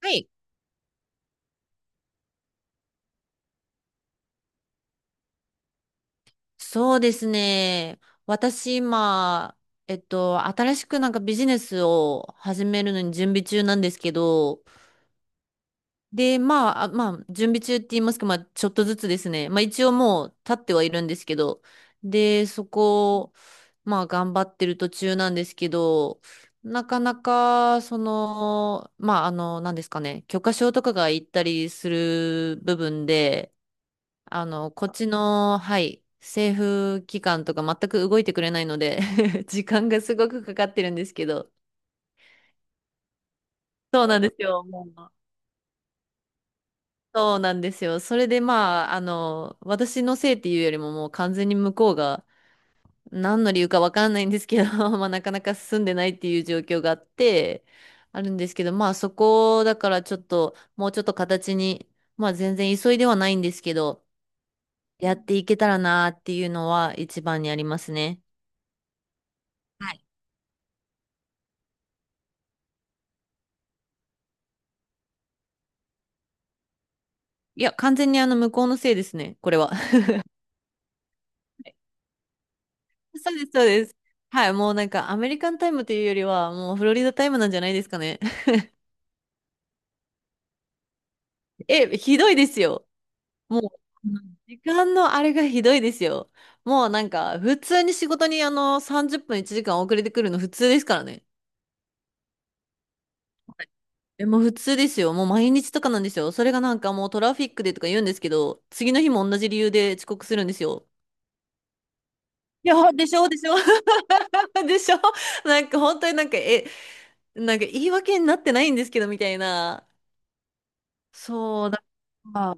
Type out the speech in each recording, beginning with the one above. はい。そうですね。私今、新しくなんかビジネスを始めるのに準備中なんですけど、まあ、準備中って言いますか、まあ、ちょっとずつですね。まあ、一応もう立ってはいるんですけど、で、そこ、まあ、頑張ってる途中なんですけど、なかなか、なんですかね、許可証とかが行ったりする部分で、あの、こっちの、はい、政府機関とか全く動いてくれないので 時間がすごくかかってるんですけど。そうなんですよ。もうそうなんですよ。それでまあ、私のせいっていうよりももう完全に向こうが何の理由かわかんないんですけど、まあなかなか進んでないっていう状況があって、あるんですけど、まあそこだからちょっと、もうちょっと形に、まあ全然急いではないんですけど、やっていけたらなっていうのは一番にありますね。はい。いや、完全に向こうのせいですね、これは。そうです、そうです。はい、もうなんかアメリカンタイムというよりは、もうフロリダタイムなんじゃないですかね。え、ひどいですよ。もう、うん時間のあれがひどいですよ。もうなんか、普通に仕事に30分1時間遅れてくるの普通ですからね。え、もう普通ですよ。もう毎日とかなんですよ。それがなんかもうトラフィックでとか言うんですけど、次の日も同じ理由で遅刻するんですよ。いや、でしょ、でしょ。でしょ。なんか本当になんか、なんか言い訳になってないんですけど、みたいな。そう、だから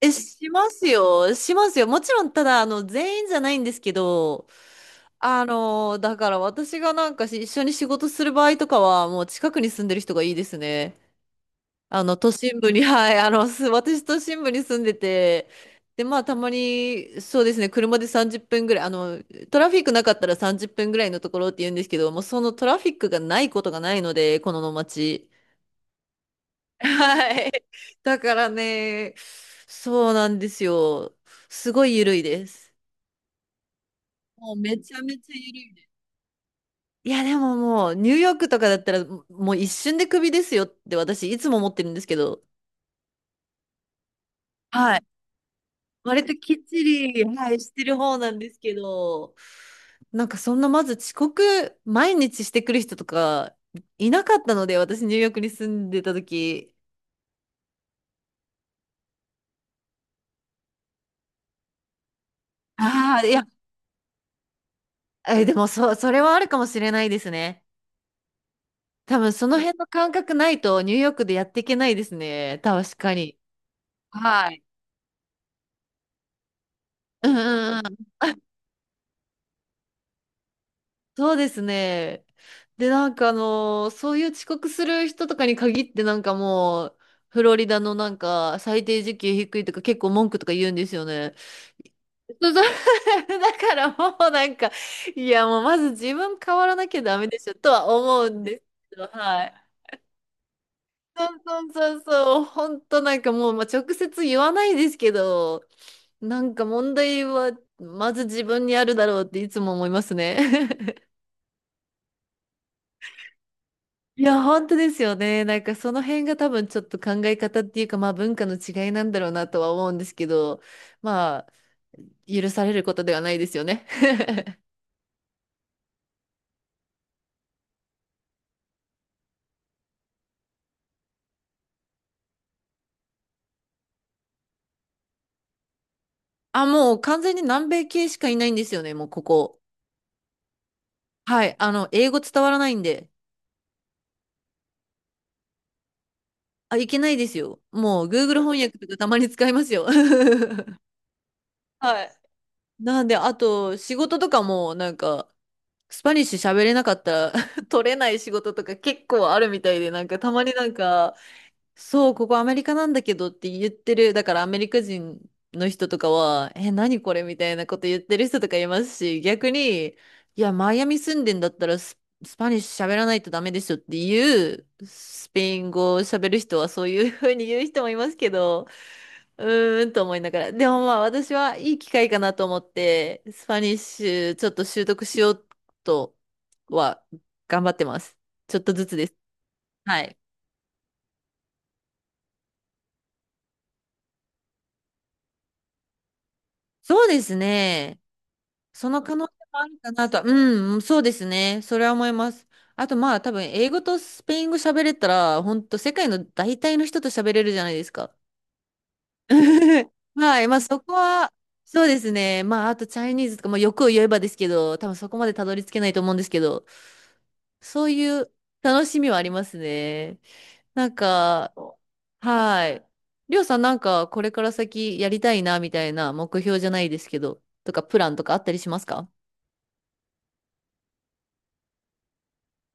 え、しますよ。しますよ。もちろん、ただ、全員じゃないんですけど、だから私がなんか一緒に仕事する場合とかは、もう近くに住んでる人がいいですね。あの、都心部に、はい、私都心部に住んでて、で、まあ、たまに、そうですね、車で30分ぐらい、トラフィックなかったら30分ぐらいのところって言うんですけど、もうそのトラフィックがないことがないので、この街。はい。だからね、そうなんですよ。すごい緩いです。もうめちゃめちゃ緩いです。いや、でももう、ニューヨークとかだったら、もう一瞬でクビですよって私、いつも思ってるんですけど、はい。割ときっちり、はい、してる方なんですけど、なんかそんなまず遅刻、毎日してくる人とか、いなかったので、私、ニューヨークに住んでた時。ああ、いや、え、でも、そ、それはあるかもしれないですね。多分その辺の感覚ないとニューヨークでやっていけないですね。確かに。はい。うんうんうん。そうですね。で、なんかあのーそういう遅刻する人とかに限ってなんかもう、フロリダのなんか最低時給低いとか結構文句とか言うんですよね。そうそう だからもうなんか、いやもうまず自分変わらなきゃダメでしょとは思うんですけど、はい。そうそうそうそう、本当なんかもう、まあ、直接言わないですけど、なんか問題はまず自分にあるだろうっていつも思いますね。いや、本当ですよね。なんかその辺が多分ちょっと考え方っていうか、まあ文化の違いなんだろうなとは思うんですけど、まあ許されることではないですよね。あ、もう完全に南米系しかいないんですよね、もうここ。はい。あの、英語伝わらないんで。あ、いけないですよ。もう Google 翻訳とかたまに使いますよ。はい。なんで、あと仕事とかもなんか、スパニッシュ喋れなかったら 取れない仕事とか結構あるみたいで、なんかたまになんか、そう、ここアメリカなんだけどって言ってる、だからアメリカ人の人とかは、何これみたいなこと言ってる人とかいますし、逆に、いや、マイアミ住んでんだったらス、スパニッシュ喋らないとダメでしょっていう、スペイン語を喋る人はそういうふうに言う人もいますけど、うーんと思いながら。でもまあ私はいい機会かなと思って、スパニッシュちょっと習得しようとは頑張ってます。ちょっとずつです。はい。そうですね。その可能性もあるかなと。うん、そうですね。それは思います。あとまあ多分英語とスペイン語喋れたら、本当世界の大体の人と喋れるじゃないですか。はい。まあそこは、そうですね。まああとチャイニーズとか、まあ欲を言えばですけど、多分そこまでたどり着けないと思うんですけど。そういう楽しみはありますね。なんか、はい。りょうさんなんかこれから先やりたいなみたいな目標じゃないですけど、とかプランとかあったりしますか？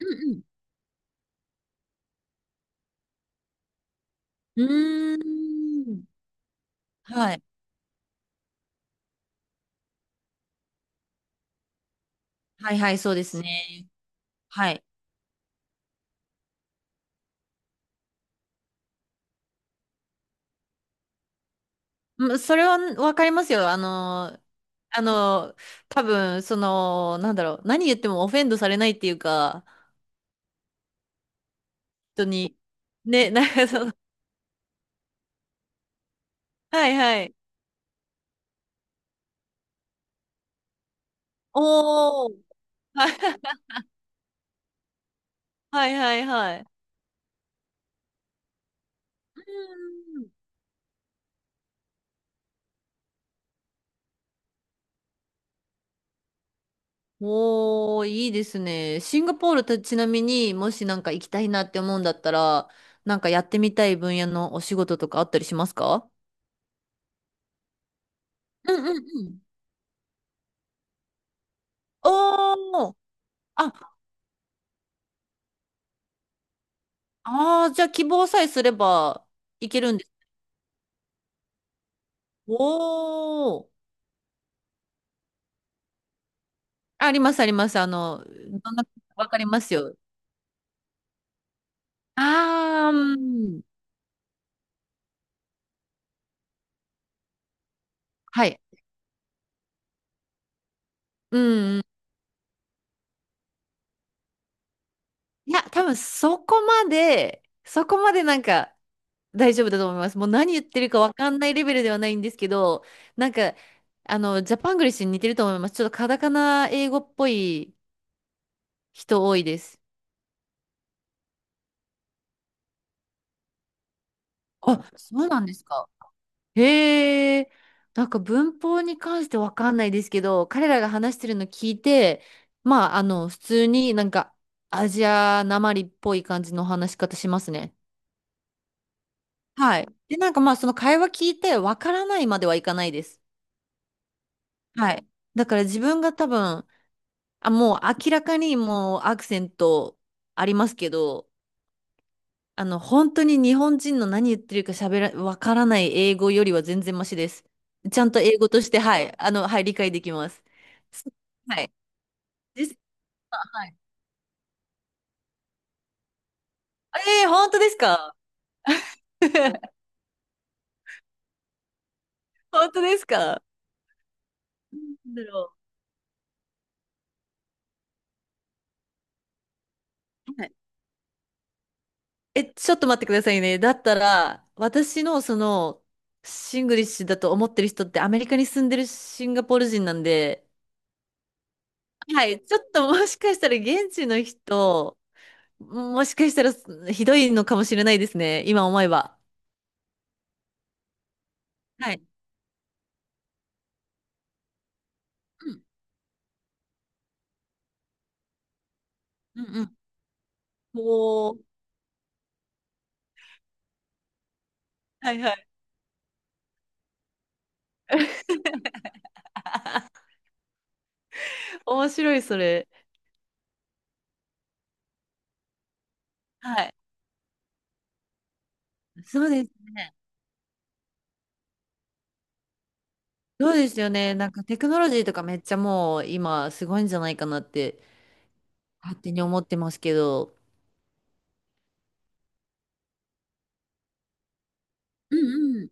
ううん。うん。うーん。はい。はいはい、そうですね。はい。うんそれはわかりますよ。あの、多分、なんだろう、何言ってもオフェンドされないっていうか、本当に、ね、はいはい。おー、はいはいはいはい。おー、いいですね。シンガポールとちなみにもしなんか行きたいなって思うんだったら、なんかやってみたい分野のお仕事とかあったりしますか？うんうんうん。おー、あ、あー、じゃあ希望さえすればいけるんです。おー、ありますあります。あの、どんな、わかりますよ。あー、うん。はい。うんうん。いや、多分そこまでなんか、大丈夫だと思います。もう何言ってるかわかんないレベルではないんですけど、なんか、あの、ジャパングリッシュに似てると思います。ちょっとカタカナ英語っぽい人多いです。あ、そうなんですか。へえ、なんか文法に関してわかんないですけど、彼らが話してるの聞いて、普通になんかアジアなまりっぽい感じの話し方しますね。はい。で、なんかまあ、その会話聞いてわからないまではいかないです。はい。だから自分が多分、あ、もう明らかにもうアクセントありますけど、あの、本当に日本人の何言ってるか喋ら、わからない英語よりは全然マシです。ちゃんと英語として、はい、あの、はい、理解できます。すはい。です。はい。ええー本当ですか？ 本当ですか？なんだろう。はい。え、ちょっと待ってくださいね。だったら、私のその、シングリッシュだと思ってる人ってアメリカに住んでるシンガポール人なんで、はい、ちょっともしかしたら現地の人、もしかしたらひどいのかもしれないですね、今思えば。はい。うん、うん、うん。おー、はいはい。面白い、それ。はい。そうですね。そうですよね。なんかテクノロジーとかめっちゃもう今すごいんじゃないかなって勝手に思ってますけど。うんうん。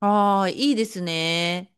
ああ、いいですね。